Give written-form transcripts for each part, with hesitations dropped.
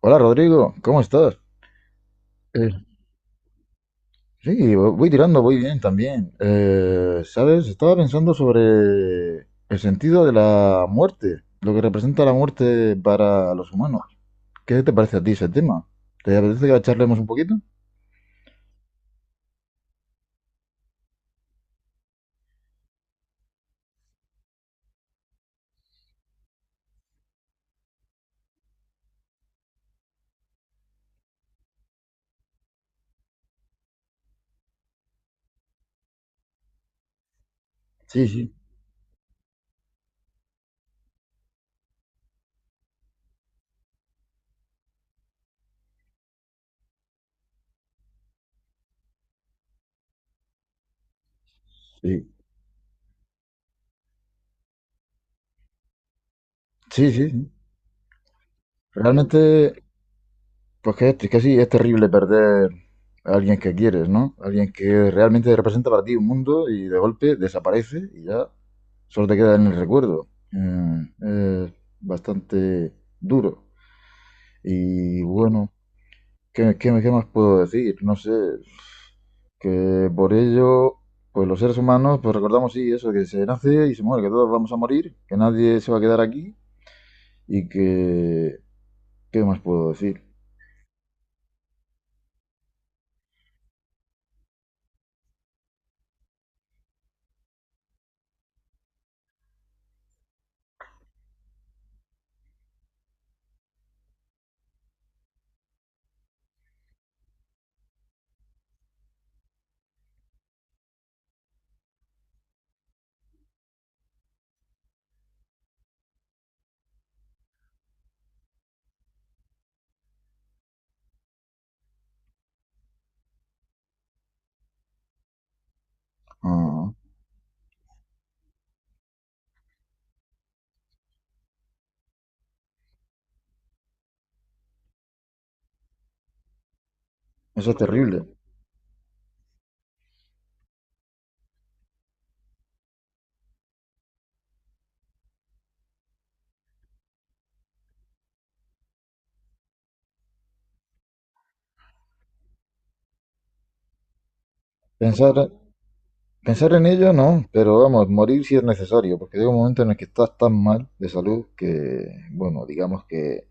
Hola Rodrigo, ¿cómo estás? Eh, sí, voy tirando, voy bien también. ¿Sabes? Estaba pensando sobre el sentido de la muerte, lo que representa la muerte para los humanos. ¿Qué te parece a ti ese tema? ¿Te apetece que charlemos un poquito? Sí, sí, sí. Sí, sí, sí. Realmente. Es que sí, es terrible perder a alguien que quieres, ¿no? Alguien que realmente representa para ti un mundo y de golpe desaparece y ya solo te queda en el recuerdo. Es bastante duro. Y bueno, ¿qué más puedo decir? No sé, que por ello, pues los seres humanos, pues recordamos, sí, eso, que se nace y se muere, que todos vamos a morir, que nadie se va a quedar aquí y que... ¿Qué más puedo decir? Ah, eso es terrible. Pensar, Pensar en ello no, pero vamos, morir si es necesario, porque llega un momento en el que estás tan mal de salud que, bueno, digamos que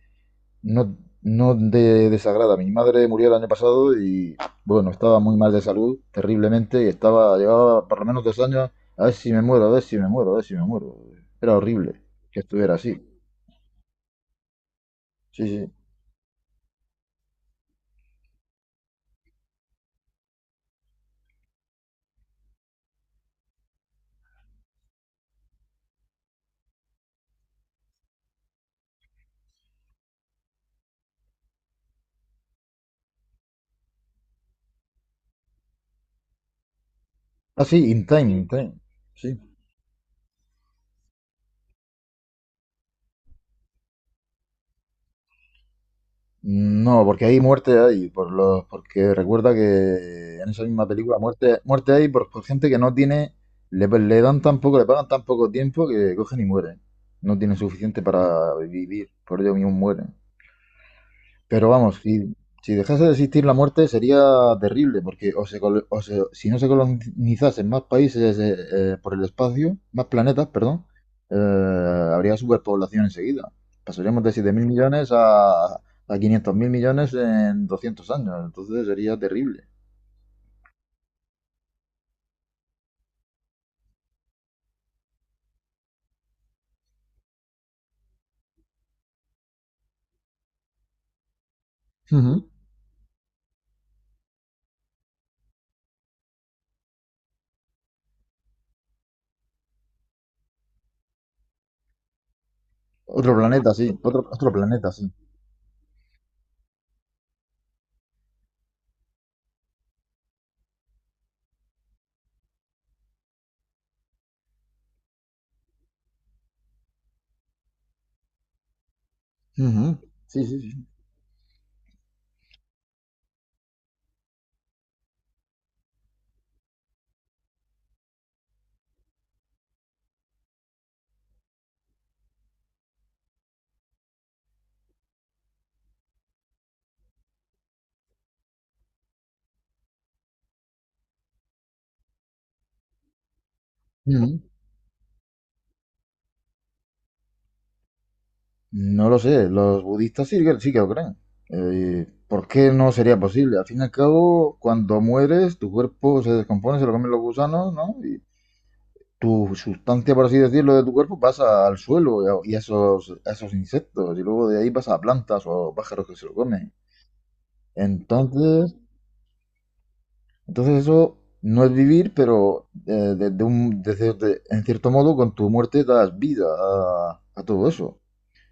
no, no de desagrada. Mi madre murió el año pasado y, bueno, estaba muy mal de salud, terriblemente, y estaba, llevaba por lo menos 2 años, a ver si me muero, a ver si me muero, a ver si me muero. Era horrible que estuviera así. Sí, sí. Ah, sí, in time, in time. Sí. No, porque hay muerte ahí, por los, porque recuerda que en esa misma película muerte, muerte hay por gente que no tiene, le dan tan poco, le pagan tan poco tiempo que cogen y mueren. No tienen suficiente para vivir, por ello mismo mueren. Pero vamos, si, si dejase de existir la muerte sería terrible, porque o se colo- o se- si no se colonizasen más países por el espacio, más planetas, perdón, habría superpoblación enseguida. Pasaríamos de 7 mil millones a 500 mil millones en 200 años, entonces sería terrible. Ujú. Otro planeta, sí, otro, otro planeta, sí. Ujú. Sí, sí, sí. Ujú. No lo sé, los budistas sí, sí que lo creen. ¿Por qué no sería posible? Al fin y al cabo, cuando mueres, tu cuerpo se descompone, se lo comen los gusanos, ¿no? Y tu sustancia, por así decirlo, de tu cuerpo pasa al suelo y a esos insectos, y luego de ahí pasa a plantas o a pájaros que se lo comen. Entonces, entonces eso no es vivir, pero de un- de cier- de- en cierto modo con tu muerte das vida a todo eso.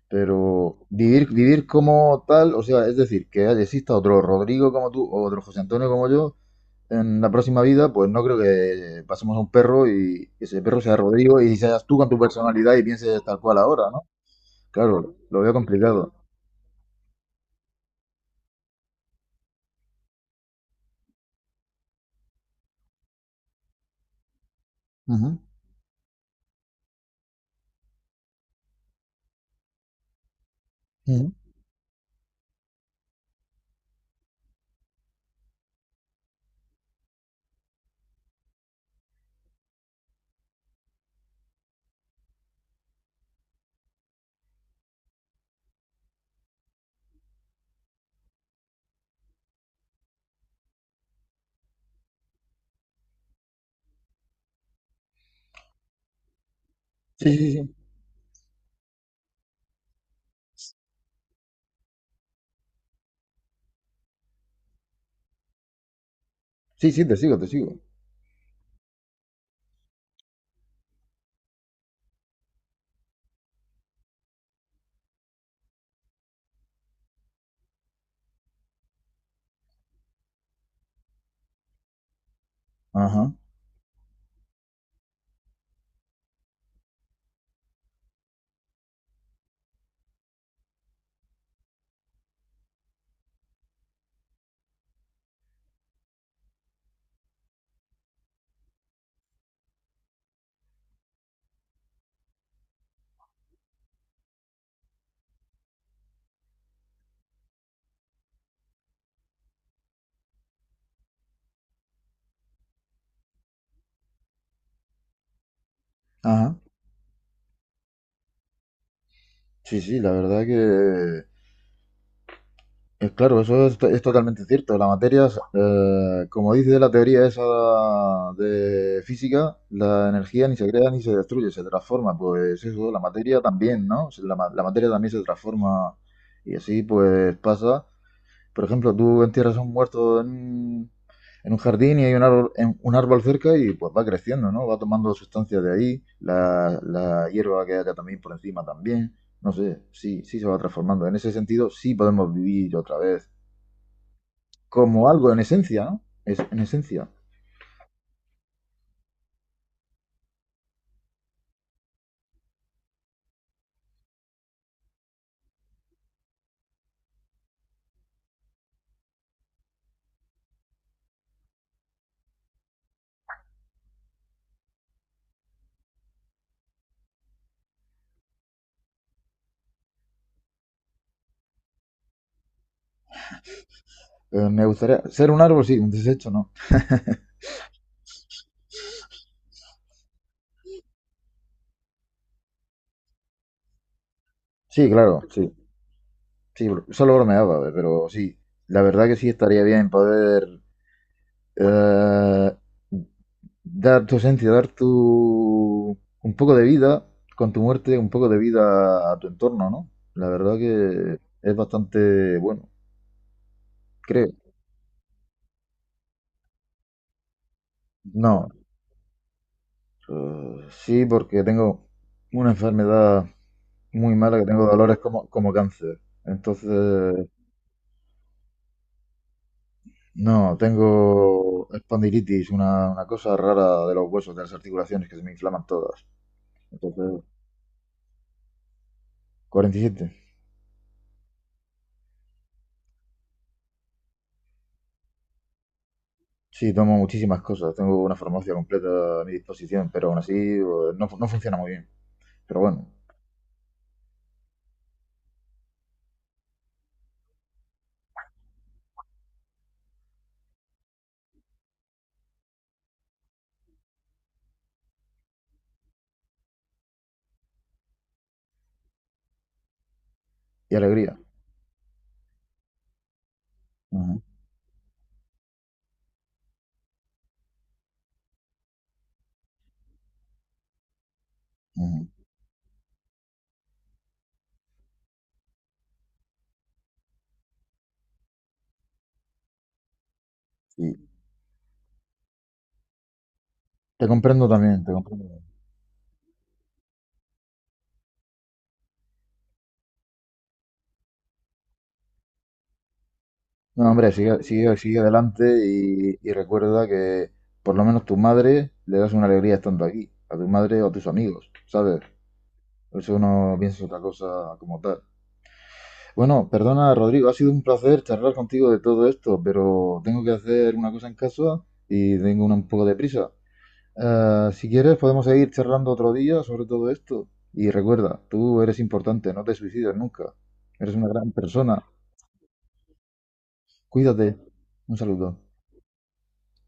Pero vivir, vivir como tal, o sea, es decir, que exista otro Rodrigo como tú o otro José Antonio como yo en la próxima vida, pues no creo que pasemos a un perro y ese perro sea Rodrigo y seas tú con tu personalidad y pienses tal cual ahora, ¿no? Claro, lo veo complicado. Ujú, ujú. Sí, sí, sí. Sí, sí, te sigo, te sigo. Ajá, ajá. Sí, sí, la verdad que claro, eso es, es totalmente cierto. La materia, es, como dice la teoría esa de física, la energía ni se crea ni se destruye, se transforma. Pues eso, la materia también, ¿no? La materia también se transforma y así pues pasa. Por ejemplo, tú entierras a un muerto en, en un jardín y hay un árbol, un árbol cerca y pues va creciendo, ¿no? Va tomando sustancias de ahí, la hierba que haya también por encima también. No sé, sí, sí se va transformando. En ese sentido, sí podemos vivir otra vez como algo en esencia, ¿no? Es, en esencia. Me gustaría ser un árbol, sí, un desecho, ¿no? Sí, claro, sí. Sí, solo bromeaba, pero sí. La verdad que sí estaría bien poder eh, dar tu esencia, dar tu un poco de vida, con tu muerte, un poco de vida a tu entorno, ¿no? La verdad que es bastante bueno, creo. No, sí, porque tengo una enfermedad muy mala que tengo dolores como, como cáncer. Entonces, no, tengo espondilitis, una cosa rara de los huesos, de las articulaciones que se me inflaman todas. Entonces, 47. Sí, tomo muchísimas cosas. Tengo una farmacia completa a mi disposición, pero aún así no funciona muy bien. Pero bueno, y alegría. Ujú, ujú. Sí. Te comprendo también, te comprendo. No, hombre, sigue, sigue, sigue adelante y recuerda que por lo menos tu madre le das una alegría estando aquí, a tu madre o a tus amigos, ¿sabes? Por eso no pienses otra cosa como tal. Bueno, perdona, Rodrigo, ha sido un placer charlar contigo de todo esto, pero tengo que hacer una cosa en casa y tengo un poco de prisa. Si quieres, podemos seguir charlando otro día sobre todo esto. Y recuerda, tú eres importante, no te suicides nunca. Eres una gran persona. Cuídate. Un saludo.